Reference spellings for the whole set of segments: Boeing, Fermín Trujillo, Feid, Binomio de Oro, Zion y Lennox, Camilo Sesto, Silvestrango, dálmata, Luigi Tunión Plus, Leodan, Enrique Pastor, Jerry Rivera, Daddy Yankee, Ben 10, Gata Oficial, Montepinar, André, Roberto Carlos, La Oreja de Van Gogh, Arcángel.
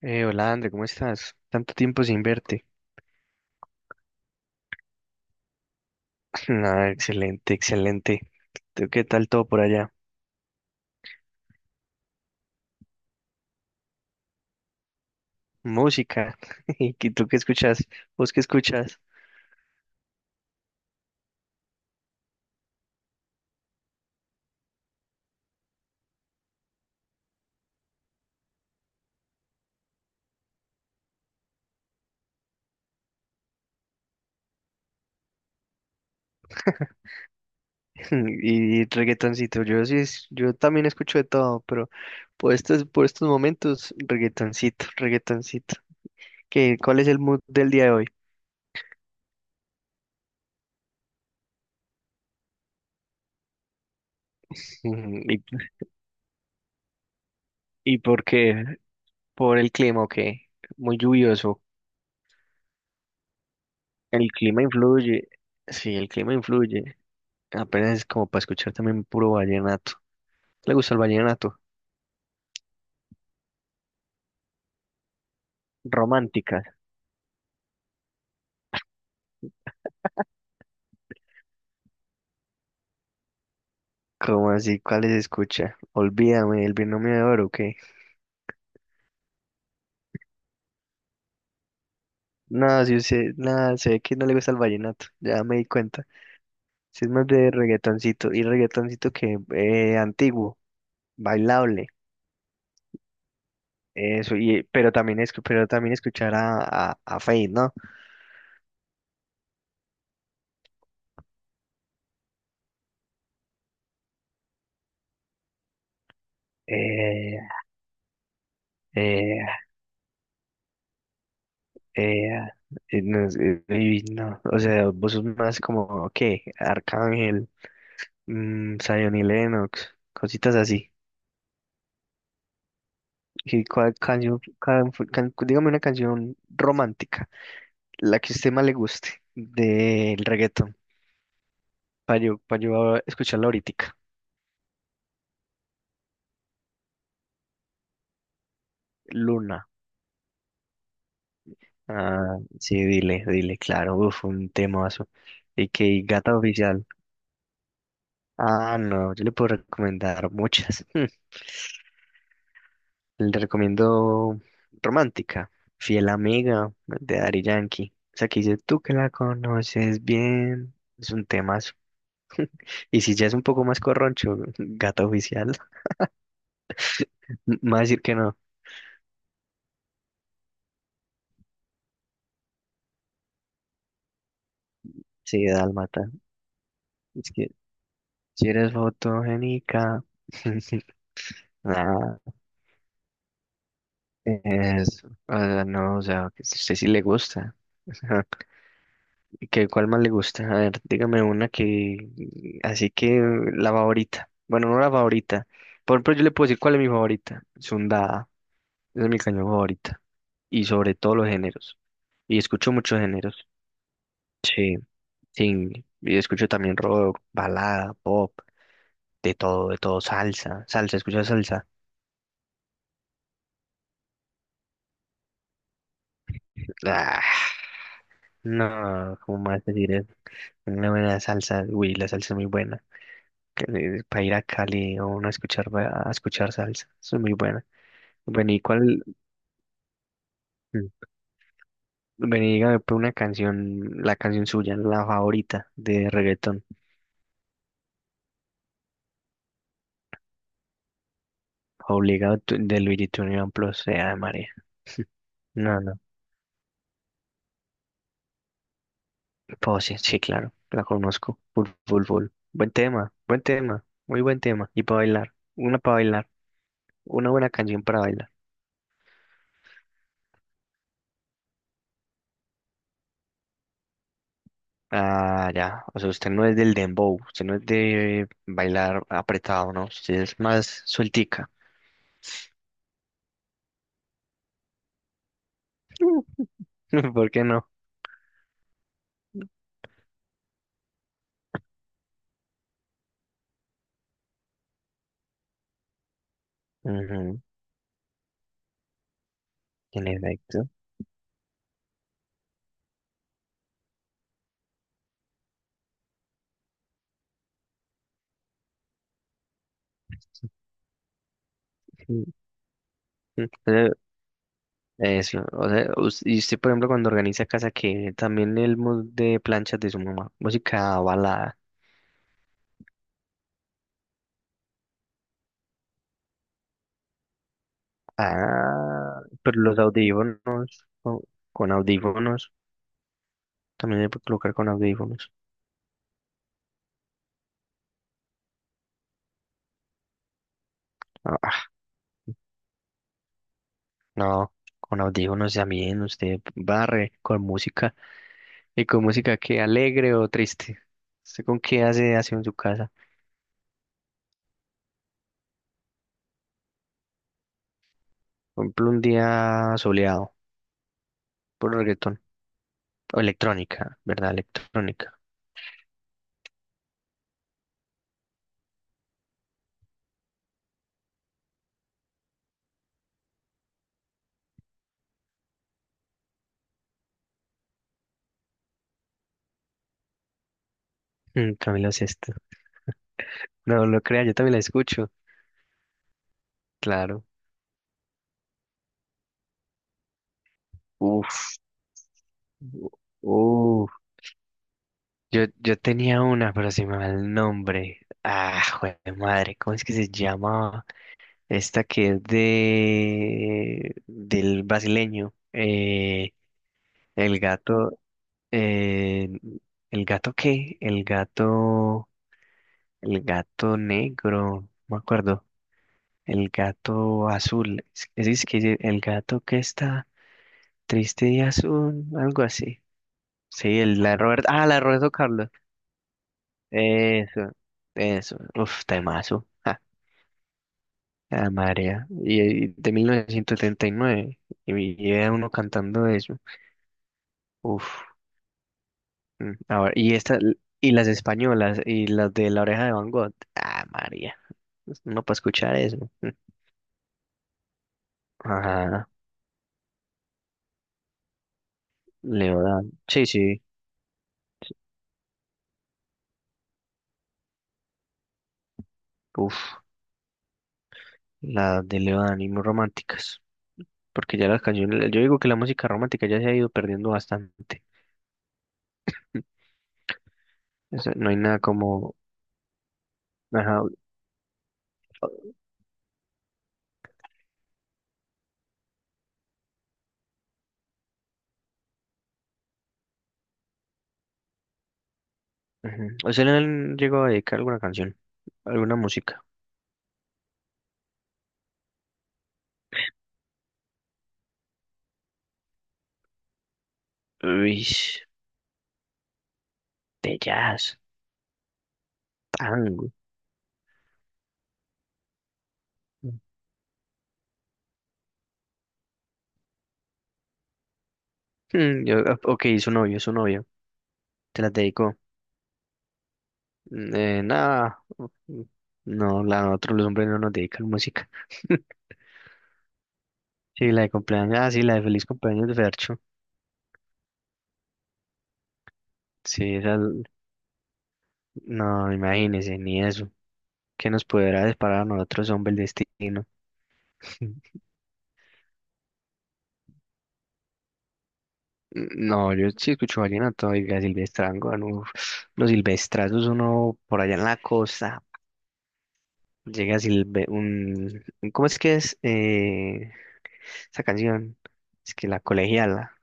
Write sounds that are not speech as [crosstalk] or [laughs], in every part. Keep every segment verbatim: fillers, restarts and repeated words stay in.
Eh, hola, André, ¿cómo estás? Tanto tiempo sin verte. [laughs] Ah, excelente, excelente. ¿Tú qué tal todo por allá? Música. [laughs] ¿Y qué- tú qué escuchas? ¿Vos qué escuchas? [laughs] Y reggaetoncito. Yo sí, es- yo también escucho de todo, pero por estos, por estos momentos, reggaetoncito, reggaetoncito. ¿Qué, cuál es el mood del día de hoy? [laughs] Mm, ¿Y, y por qué? ¿Por el clima o qué? Muy lluvioso. El clima influye. Sí, el clima influye. Apenas es como para escuchar también puro vallenato. ¿Le gusta el vallenato? Romántica. ¿Cómo así? ¿Cuáles escucha? Olvídame, el binomio de oro, ¿o qué? No, si usted, nada, se ve que no le gusta el vallenato, ya me di cuenta. Si es más de reggaetoncito, y reggaetoncito que eh, antiguo, bailable, eso, y pero también es, pero también escuchar a, a, a Feid, ¿no? Eh, eh, eh, eh, no, eh, uy, no, o sea, vos sos más como, ¿qué? Arcángel. Mm, Zion y Lennox, cositas así. ¿Y cuál canción, can- can- dígame una canción romántica, la que a usted más le guste del reggaetón, para yo, pa' yo escucharla ahorita. Luna. Ah, sí, dile, dile, claro, uf, un temazo. Y que Gata Oficial. Ah, no, yo le puedo recomendar muchas. [laughs] Le recomiendo Romántica, Fiel Amiga, de Daddy Yankee. O sea, que dice, tú que la conoces bien. Es un tema. Y si ya es un poco más corroncho, gato oficial, [laughs] me va a decir que no. Sí, dálmata. Es que si eres fotogénica. [laughs] Nada es, o sea, no, o sea, que a usted sí le gusta. [laughs] Ajá. ¿Qué, cuál más le gusta? A ver, dígame una que, así que la favorita. Bueno, no la favorita. Por ejemplo, yo le puedo decir cuál es mi favorita. Sundada. Esa es mi cañón favorita. Y sobre todos los géneros. Y escucho muchos géneros. Sí. Sí, y escucho también rock, balada, pop, de todo, de todo, salsa, salsa, escucho salsa. Ah, no, ¿cómo más decir eso? Una buena salsa, uy, la salsa es muy buena. Para ir a Cali o uno a escuchar, ba- a escuchar salsa, eso es muy buena. Bueno, ¿y cuál? Mm, Vení, dígame pues, una canción, la canción suya, la favorita de reggaetón, obligado tu- de Luigi Tunión Plus, sea de María. No, no. Pues sí, sí, claro, la conozco. Full, full, full. Buen tema, buen tema, muy buen tema. Y para bailar, una para bailar, una buena canción para bailar. Ah, ya, o sea, usted no es del dembow, usted no es de bailar apretado, ¿no? Usted es más sueltica. [laughs] ¿Por qué no? Ujú, en efecto. Sí. Mm, eh, Eso, o sea, us- y usted, por ejemplo, cuando organiza casa, que también el mood de planchas de su mamá, música balada. Ah, pero los audífonos, con, con audífonos, también se puede colocar con audífonos. Ah, ah, no, con audífonos también, usted barre con música, y con música que alegre o triste. ¿Usted con qué hace aseo en su casa? Por ejemplo, un día soleado, por reggaetón, o electrónica, ¿verdad? Electrónica. Mm, Camilo Sesto. No lo crea, yo también la escucho, claro. Uf, Yo, yo tenía una, pero se me va el nombre. Ah, jue de madre, ¿cómo es que se llamaba? Esta que es de del brasileño. Eh, el gato, eh, ¿el gato qué? El gato, el gato negro, no me acuerdo. El gato azul. Es, es es que dice, el gato que está triste y azul, algo así. Sí, el la Robert, ah, la de Roberto Carlos. Eso, eso. Uf, temazo. Ja, la marea. Y, y de mil novecientos setenta y nueve. Y nueve. Y vi- y era uno cantando eso. Uf. mm, A ver, y esta, y las españolas, y las de La Oreja de Van Gogh. Ah, María. No para escuchar eso. Mm. Ajá. Leodan. Sí, sí. Uf. Las de Leodan y muy románticas. Porque ya las canciones, yo digo que la música romántica ya se ha ido perdiendo bastante. Eso, no hay nada como, ajá, ujú. ¿Usted le llegó a dedicar alguna canción? ¿Alguna música? Uy, de jazz, tango. Mm, yo- ah, ok, su novio, su novio. ¿Te las dedicó? Mm, Eh, nada. No, la nosotros los hombres no nos dedican música. [laughs] Sí, la de cumpleaños. Ah, sí, la de feliz cumpleaños de Fercho. Sí, esa. No, imagínese, ni eso. ¿Qué nos podrá disparar a nosotros, hombre, el destino? [laughs] No, yo sí escucho vallenato y a Silvestrango, no, los silvestrazos uno por allá en la costa, llega Silve, un, ¿cómo es que es eh, esa canción? Es que la colegiala,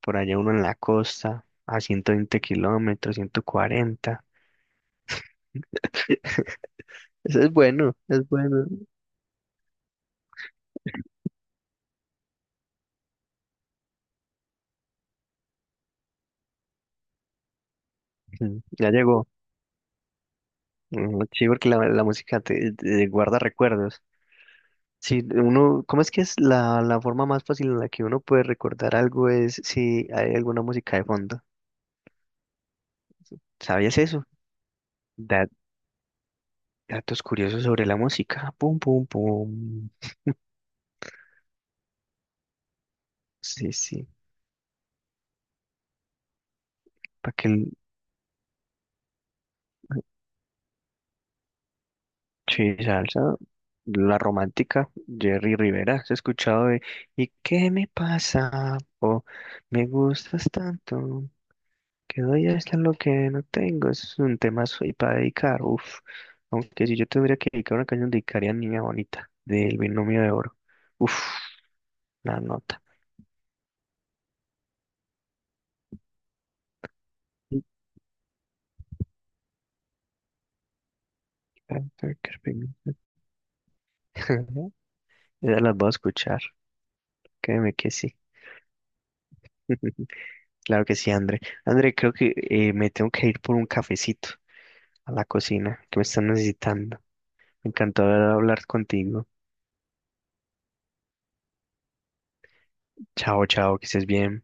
por allá uno en la costa, a ciento veinte kilómetros, ciento cuarenta eso es bueno, es bueno, ujú, ya llegó, ujú, sí, porque la, la música te, te guarda recuerdos, si uno, ¿cómo es que es la, la forma más fácil en la que uno puede recordar algo es si hay alguna música de fondo? ¿Sabías eso? Da- datos curiosos sobre la música. Pum, pum, pum. Sí, sí. Para que el sí, salsa, la romántica, Jerry Rivera, ¿has escuchado de ¿Y qué me pasa? O me gustas tanto. Que doy hasta lo que no tengo, eso es un tema soy para dedicar, uff. Aunque si yo tendría que dedicar una canción, dedicaría a Niña Bonita, del Binomio de Oro. Uff, la nota. [laughs] Y Carter Carpenter. [laughs] Ya las voy a escuchar, créeme que sí. [laughs] Claro que sí, André. André, creo que eh, me tengo que ir por un cafecito a la cocina, que me están necesitando. Me encantó hablar contigo. Chao, chao, que estés bien.